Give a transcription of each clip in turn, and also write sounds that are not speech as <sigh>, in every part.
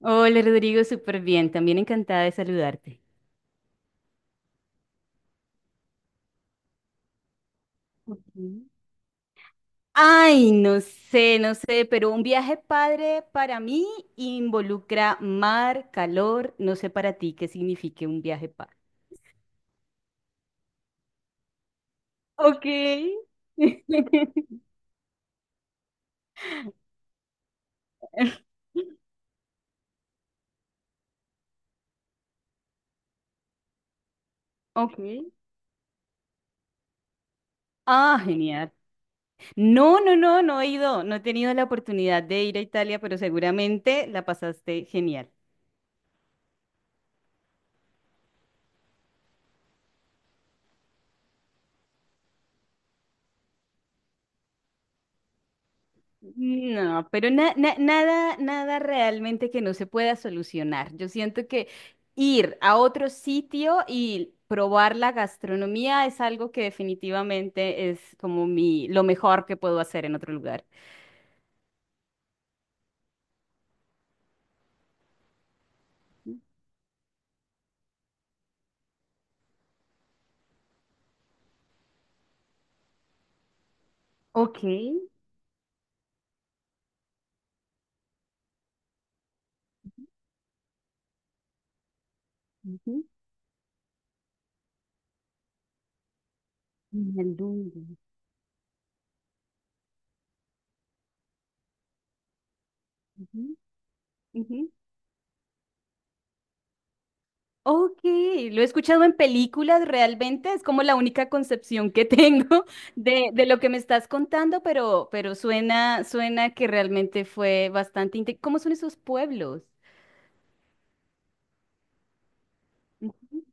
Hola Rodrigo, súper bien. También encantada de saludarte. Ujú. Ay, no sé, pero un viaje padre para mí involucra mar, calor. No sé para ti qué signifique un viaje padre. Ok. <laughs> Ok. Ah, genial. No, no he ido. No he tenido la oportunidad de ir a Italia, pero seguramente la pasaste genial. No, pero nada realmente que no se pueda solucionar. Yo siento que ir a otro sitio y probar la gastronomía es algo que definitivamente es como mi, lo mejor que puedo hacer en otro lugar. Ok. Ujú. En el mundo. Ujú. Ujú. Ok, lo he escuchado en películas realmente, es como la única concepción que tengo <laughs> de lo que me estás contando, pero suena, suena que realmente fue bastante ¿cómo son esos pueblos? Ujú,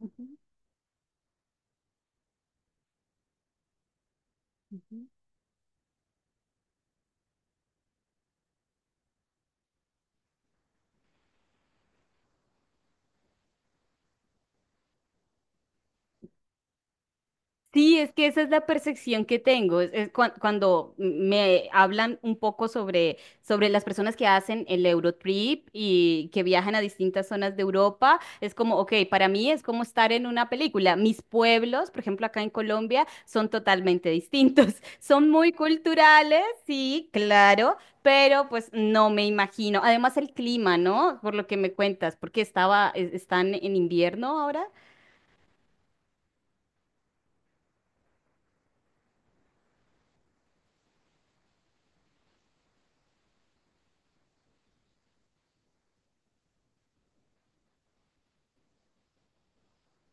ujú, ujú. Sí, es que esa es la percepción que tengo. Es cuando me hablan un poco sobre, sobre las personas que hacen el Eurotrip y que viajan a distintas zonas de Europa, es como, ok, para mí es como estar en una película. Mis pueblos, por ejemplo, acá en Colombia, son totalmente distintos. <laughs> Son muy culturales, sí, claro, pero pues no me imagino. Además, el clima, ¿no? Por lo que me cuentas, porque estaba, están en invierno ahora.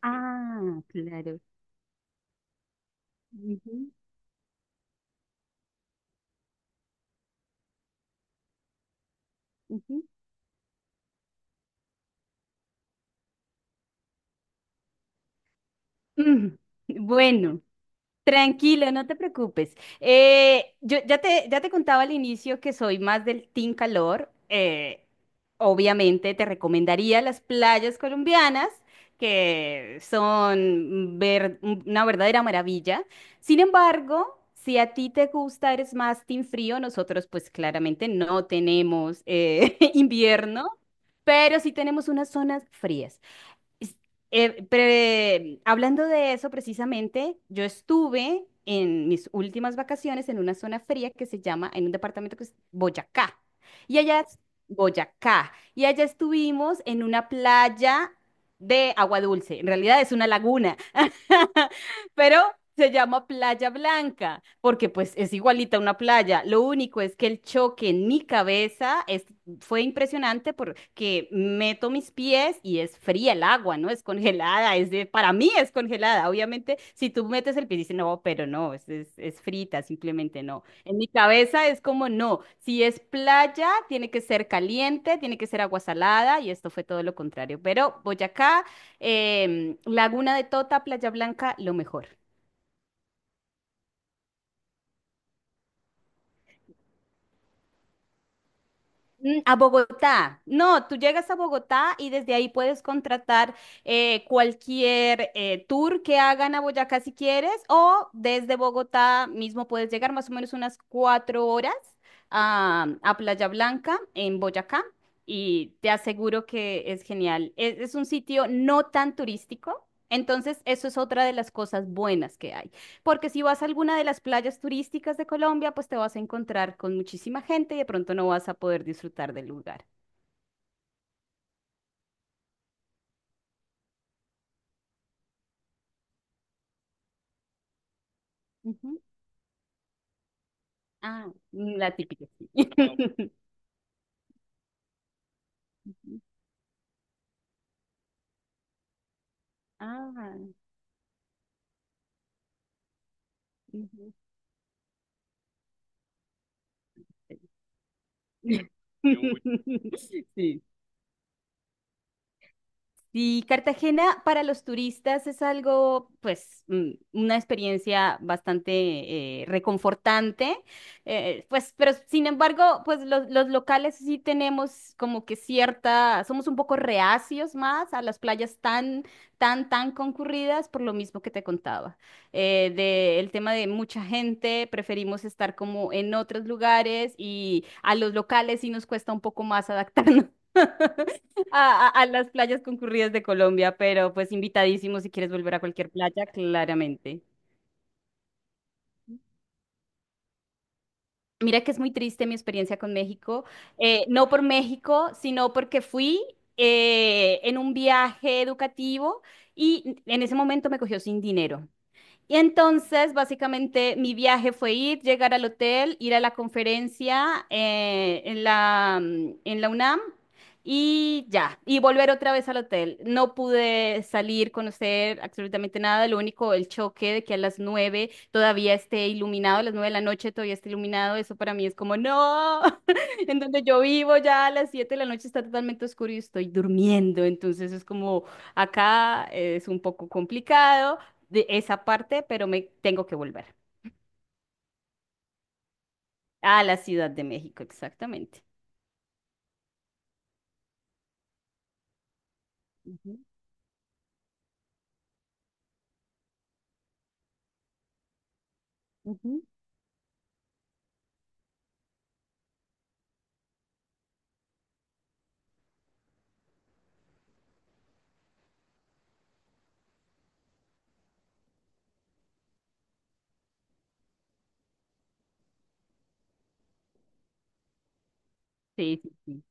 Ah, claro. Ujú. Mm, Bueno, tranquilo, no te preocupes. Yo ya te contaba al inicio que soy más del team calor. Obviamente te recomendaría las playas colombianas, que son una verdadera maravilla. Sin embargo, si a ti te gusta, eres más team frío, nosotros pues claramente no tenemos <laughs> invierno. Pero sí tenemos unas zonas frías. Es- Hablando de eso precisamente, yo estuve en mis últimas vacaciones en una zona fría que se llama, en un departamento que es Boyacá. Y allá, es- Boyacá. Y allá estuvimos en una playa de agua dulce. En realidad es una laguna, <laughs> pero se llama Playa Blanca, porque pues es igualita a una playa. Lo único es que el choque en mi cabeza fue impresionante porque meto mis pies y es fría el agua, ¿no? Es congelada, para mí es congelada. Obviamente, si tú metes el pie, dices, no, pero no, es frita, simplemente no. En mi cabeza es como, no, si es playa, tiene que ser caliente, tiene que ser agua salada, y esto fue todo lo contrario. Pero Boyacá, Laguna de Tota, Playa Blanca, lo mejor. A Bogotá. No, tú llegas a Bogotá y desde ahí puedes contratar cualquier tour que hagan a Boyacá si quieres, o desde Bogotá mismo puedes llegar más o menos unas cuatro horas a Playa Blanca en Boyacá y te aseguro que es genial. Es un sitio no tan turístico, entonces eso es otra de las cosas buenas que hay. Porque si vas a alguna de las playas turísticas de Colombia, pues te vas a encontrar con muchísima gente y de pronto no vas a poder disfrutar del lugar. Ujú. Ah, mm, la típica, sí. <laughs> Ujú. Ah, ujú, sí. <laughs> Sí, y Cartagena para los turistas es algo, pues, mm, una experiencia bastante reconfortante, pues, pero sin embargo, pues los locales sí tenemos como que cierta, somos un poco reacios más a las playas tan concurridas por lo mismo que te contaba, de el tema de mucha gente, preferimos estar como en otros lugares y a los locales sí nos cuesta un poco más adaptarnos <laughs> a las playas concurridas de Colombia, pero pues invitadísimo si quieres volver a cualquier playa, claramente. Mira que es muy triste mi experiencia con México, no por México, sino porque fui en un viaje educativo y en ese momento me cogió sin dinero. Y entonces, básicamente, mi viaje fue ir, llegar al hotel, ir a la conferencia en en la UNAM y ya, y volver otra vez al hotel. No pude salir, conocer absolutamente nada, lo único, el choque de que a las nueve todavía esté iluminado, a las nueve de la noche todavía esté iluminado, eso para mí es como, no, <laughs> en donde yo vivo ya a las siete de la noche está totalmente oscuro y estoy durmiendo, entonces es como, acá es un poco complicado de esa parte, pero me tengo que volver a la Ciudad de México, exactamente. Ujú, ujú. Sí, sí, sí.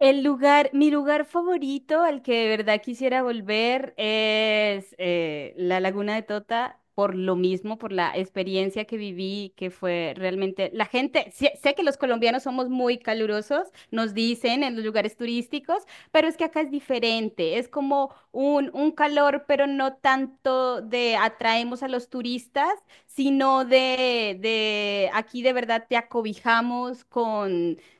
El lugar, mi lugar favorito al que de verdad quisiera volver es la Laguna de Tota, por lo mismo, por la experiencia que viví, que fue realmente, la gente, sé que los colombianos somos muy calurosos, nos dicen en los lugares turísticos, pero es que acá es diferente, es como un calor, pero no tanto de atraemos a los turistas, sino de aquí de verdad te acobijamos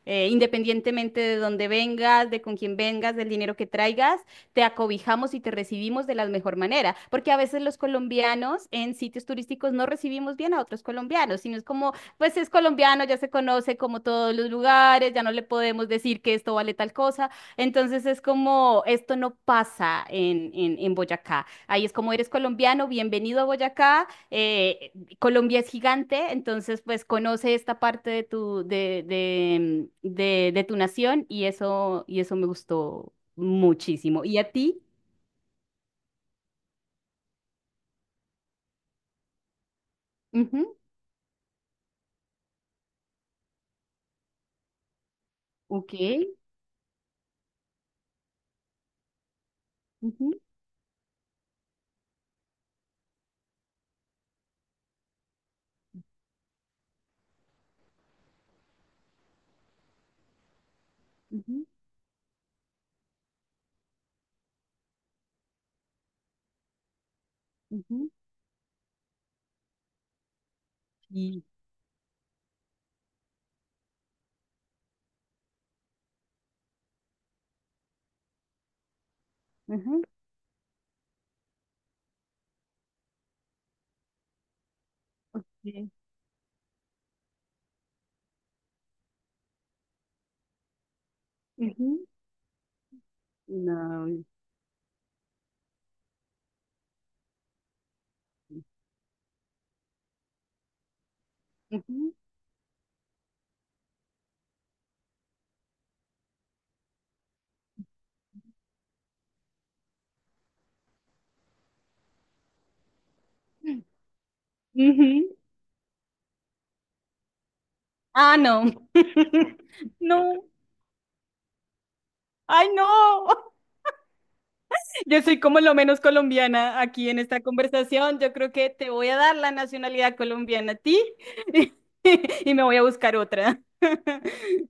independientemente de dónde vengas, de con quién vengas, del dinero que traigas, te acobijamos y te recibimos de la mejor manera, porque a veces los colombianos en sitios turísticos no recibimos bien a otros colombianos, sino es como, pues es colombiano, ya se conoce como todos los lugares, ya no le podemos decir que esto vale tal cosa, entonces es como, esto no pasa en, en Boyacá, ahí es como eres colombiano, bienvenido a Boyacá, Colombia es gigante, entonces pues conoce esta parte de tu, de, mm, de tu nación y eso me gustó muchísimo. ¿Y a ti? Ujú. Ok. Ujú, ujú, ujú. Sí. Ujú, sí, ujú. No. Ujú, ujú. Ah, no. <laughs> No. Ay, no. Yo soy como lo menos colombiana aquí en esta conversación. Yo creo que te voy a dar la nacionalidad colombiana a ti <laughs> y me voy a buscar otra. <laughs>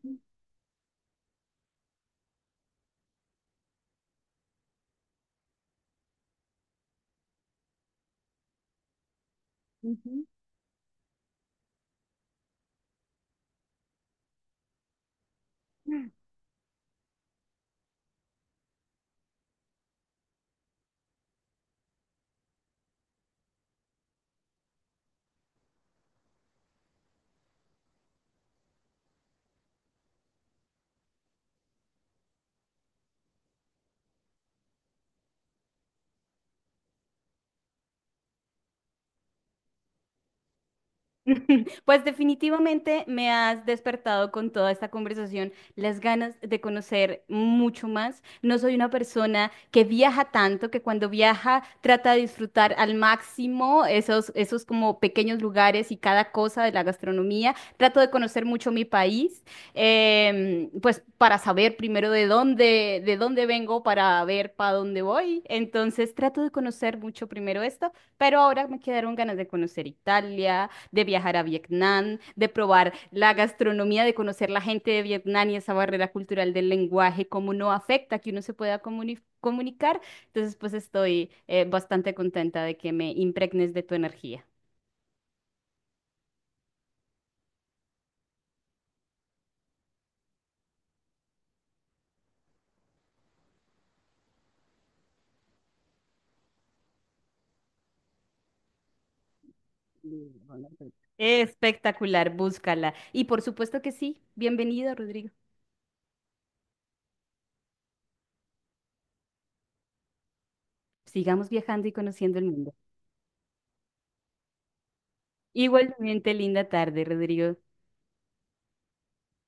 Ujú. <laughs> Pues definitivamente me has despertado con toda esta conversación las ganas de conocer mucho más. No soy una persona que viaja tanto, que cuando viaja trata de disfrutar al máximo esos, esos como pequeños lugares y cada cosa de la gastronomía. Trato de conocer mucho mi país, pues para saber primero de dónde vengo, para ver para dónde voy. Entonces trato de conocer mucho primero esto, pero ahora me quedaron ganas de conocer Italia de viajar a Vietnam, de probar la gastronomía, de conocer la gente de Vietnam y esa barrera cultural del lenguaje, cómo no afecta que uno se pueda comunicar. Entonces, pues estoy bastante contenta de que me impregnes de tu energía. Espectacular, búscala. Y por supuesto que sí, bienvenido, Rodrigo. Sigamos viajando y conociendo el mundo. Igualmente, linda tarde, Rodrigo.